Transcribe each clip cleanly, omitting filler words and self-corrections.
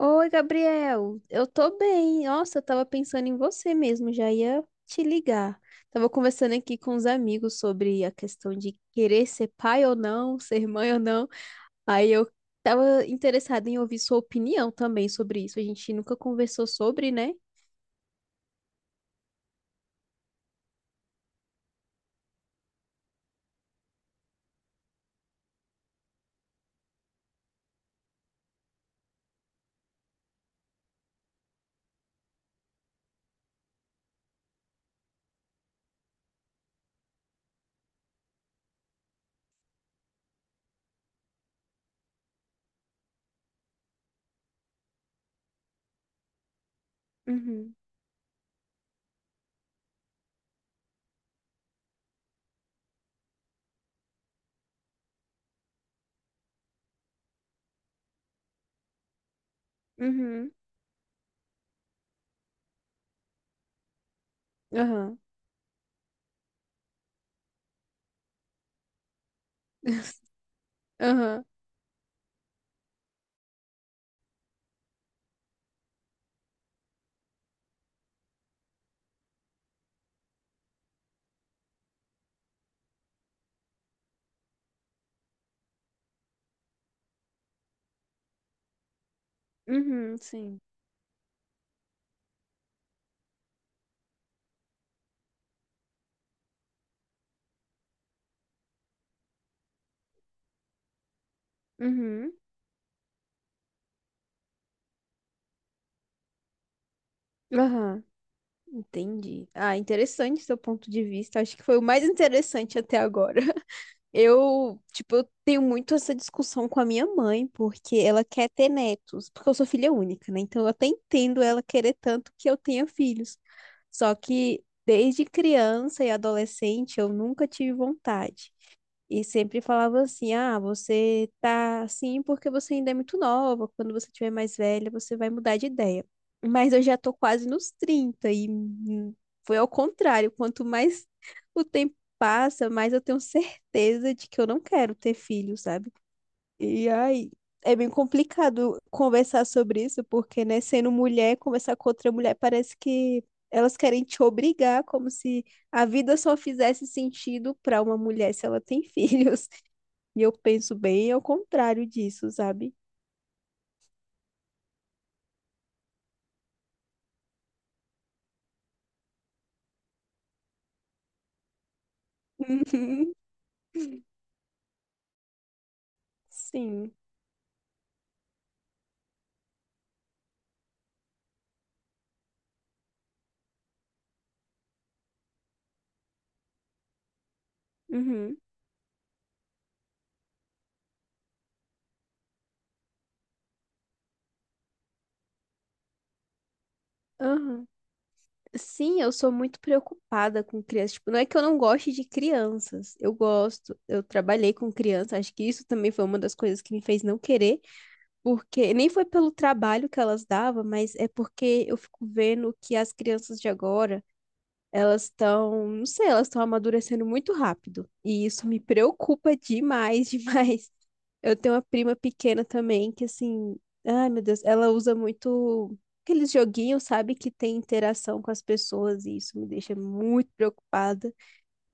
Oi, Gabriel. Eu tô bem. Nossa, eu tava pensando em você mesmo, já ia te ligar. Tava conversando aqui com os amigos sobre a questão de querer ser pai ou não, ser mãe ou não. Aí eu tava interessada em ouvir sua opinião também sobre isso. A gente nunca conversou sobre, né? Uhum, uhum, aham, aham, uhum, sim, uhum, aham. Entendi. Ah, interessante seu ponto de vista. Acho que foi o mais interessante até agora. Eu, tipo, eu tenho muito essa discussão com a minha mãe, porque ela quer ter netos, porque eu sou filha única, né? Então eu até entendo ela querer tanto que eu tenha filhos. Só que desde criança e adolescente eu nunca tive vontade. E sempre falava assim: ah, você tá assim porque você ainda é muito nova. Quando você tiver mais velha, você vai mudar de ideia. Mas eu já tô quase nos 30 e foi ao contrário. Quanto mais o tempo passa, mais eu tenho certeza de que eu não quero ter filho, sabe? E aí, é bem complicado conversar sobre isso, porque, né, sendo mulher, conversar com outra mulher parece que elas querem te obrigar, como se a vida só fizesse sentido para uma mulher se ela tem filhos. E eu penso bem ao contrário disso, sabe? Uhum, Sim. Uhum. Aham. Sim, eu sou muito preocupada com crianças. Tipo, não é que eu não goste de crianças. Eu gosto. Eu trabalhei com criança. Acho que isso também foi uma das coisas que me fez não querer. Porque nem foi pelo trabalho que elas davam, mas é porque eu fico vendo que as crianças de agora, elas estão, não sei, elas estão amadurecendo muito rápido. E isso me preocupa demais, demais. Eu tenho uma prima pequena também que assim, ai meu Deus, ela usa muito aqueles joguinhos, sabe, que tem interação com as pessoas e isso me deixa muito preocupada.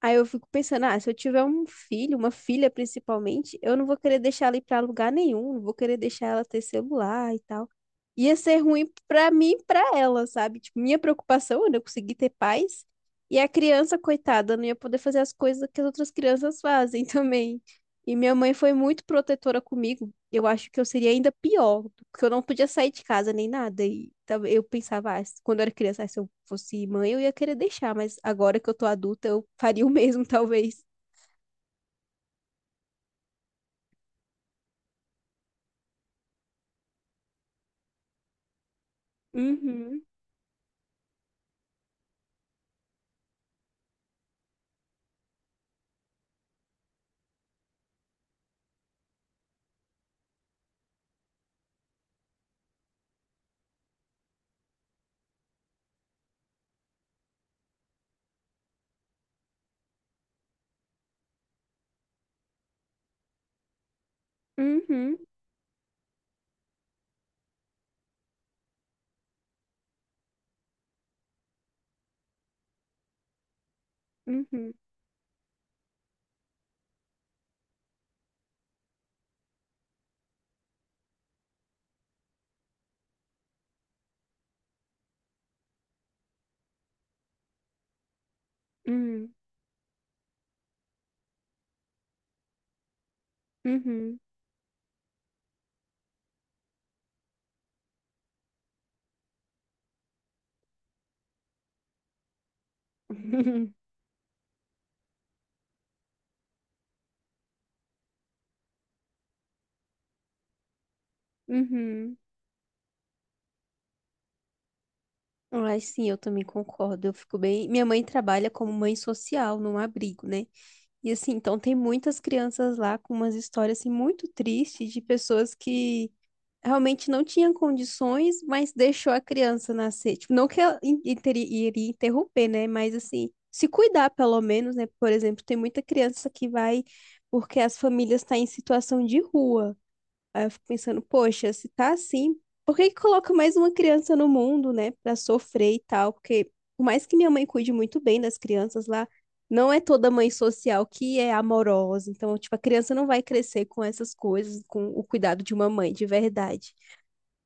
Aí eu fico pensando, ah, se eu tiver um filho, uma filha principalmente, eu não vou querer deixar ela ir pra lugar nenhum, não vou querer deixar ela ter celular e tal. Ia ser ruim pra mim e pra ela, sabe? Tipo, minha preocupação era eu conseguir ter paz e a criança, coitada, não ia poder fazer as coisas que as outras crianças fazem também. E minha mãe foi muito protetora comigo. Eu acho que eu seria ainda pior, porque eu não podia sair de casa nem nada. E eu pensava, ah, quando eu era criança, ah, se eu fosse mãe, eu ia querer deixar. Mas agora que eu tô adulta, eu faria o mesmo, talvez. Uhum, uhum, uhum, uhum, uhum, uhum. Mas sim, eu também concordo. Eu fico bem. Minha mãe trabalha como mãe social num abrigo, né? E assim, então tem muitas crianças lá com umas histórias assim muito tristes de pessoas que realmente não tinha condições, mas deixou a criança nascer. Tipo, não que ela iria interromper, né? Mas assim, se cuidar pelo menos, né? Por exemplo, tem muita criança que vai porque as famílias estão em situação de rua. Aí eu fico pensando, poxa, se tá assim, por que que coloca mais uma criança no mundo, né? Pra sofrer e tal? Porque por mais que minha mãe cuide muito bem das crianças lá, não é toda mãe social que é amorosa. Então, tipo, a criança não vai crescer com essas coisas, com o cuidado de uma mãe, de verdade.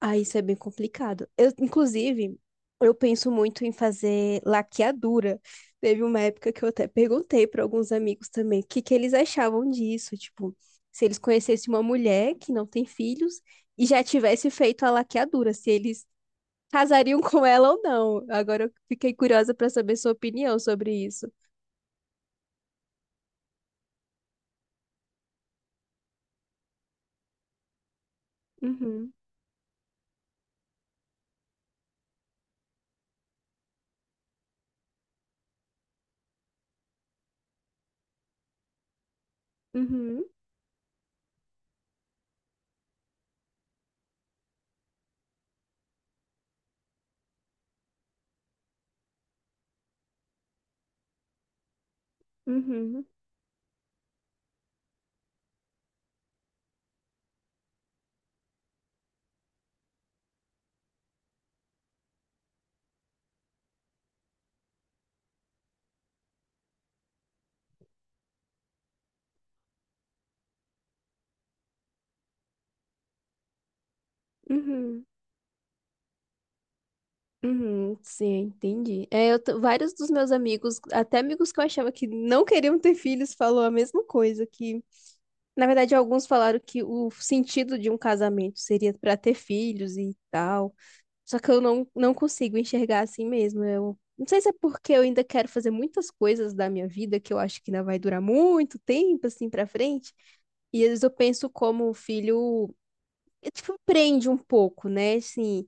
Ah, isso é bem complicado. Eu, inclusive, eu penso muito em fazer laqueadura. Teve uma época que eu até perguntei para alguns amigos também o que que eles achavam disso, tipo, se eles conhecessem uma mulher que não tem filhos e já tivesse feito a laqueadura, se eles casariam com ela ou não. Agora eu fiquei curiosa para saber sua opinião sobre isso. Uhum, uhum, uhum, uhum. Uhum, sim, entendi. É, vários dos meus amigos, até amigos que eu achava que não queriam ter filhos, falou a mesma coisa, que na verdade alguns falaram que o sentido de um casamento seria para ter filhos e tal. Só que eu não consigo enxergar assim mesmo. Eu não sei se é porque eu ainda quero fazer muitas coisas da minha vida que eu acho que ainda vai durar muito tempo assim para frente, e às vezes eu penso como o filho, tipo, prende um pouco, né? Assim,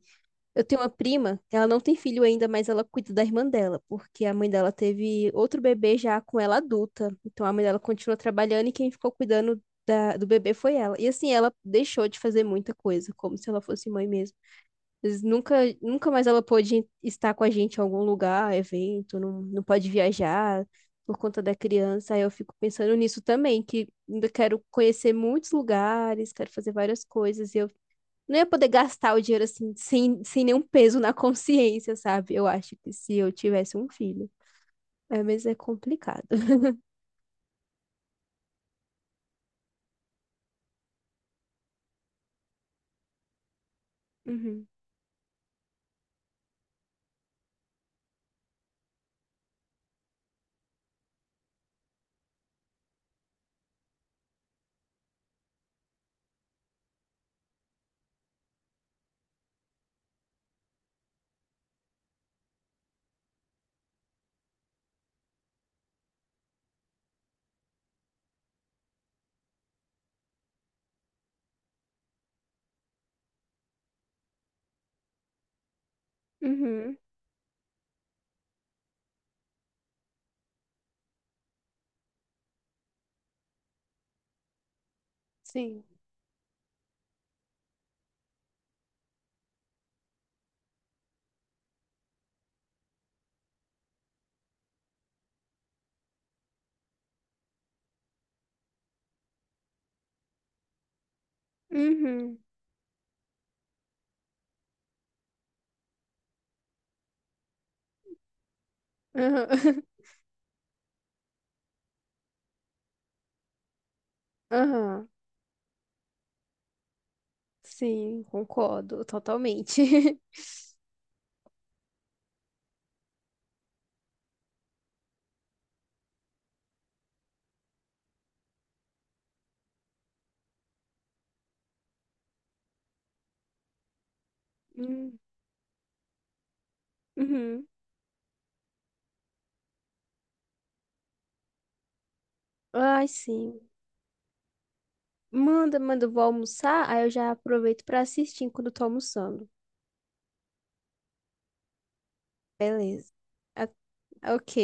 eu tenho uma prima, ela não tem filho ainda, mas ela cuida da irmã dela, porque a mãe dela teve outro bebê já com ela adulta. Então a mãe dela continua trabalhando e quem ficou cuidando do bebê foi ela. E assim, ela deixou de fazer muita coisa, como se ela fosse mãe mesmo. Mas nunca, nunca mais ela pôde estar com a gente em algum lugar, evento, não, não pode viajar por conta da criança. Aí eu fico pensando nisso também, que ainda quero conhecer muitos lugares, quero fazer várias coisas, e eu não ia poder gastar o dinheiro assim, sem nenhum peso na consciência, sabe? Eu acho que se eu tivesse um filho. É, mas é complicado. Uhum. Uhum. Sim. Uhum. Aham. Aham. Sim, concordo totalmente. Hum, uhum. Ai, sim. Manda, manda, eu vou almoçar, aí eu já aproveito pra assistir enquanto eu tô almoçando. Beleza. Ah, ok.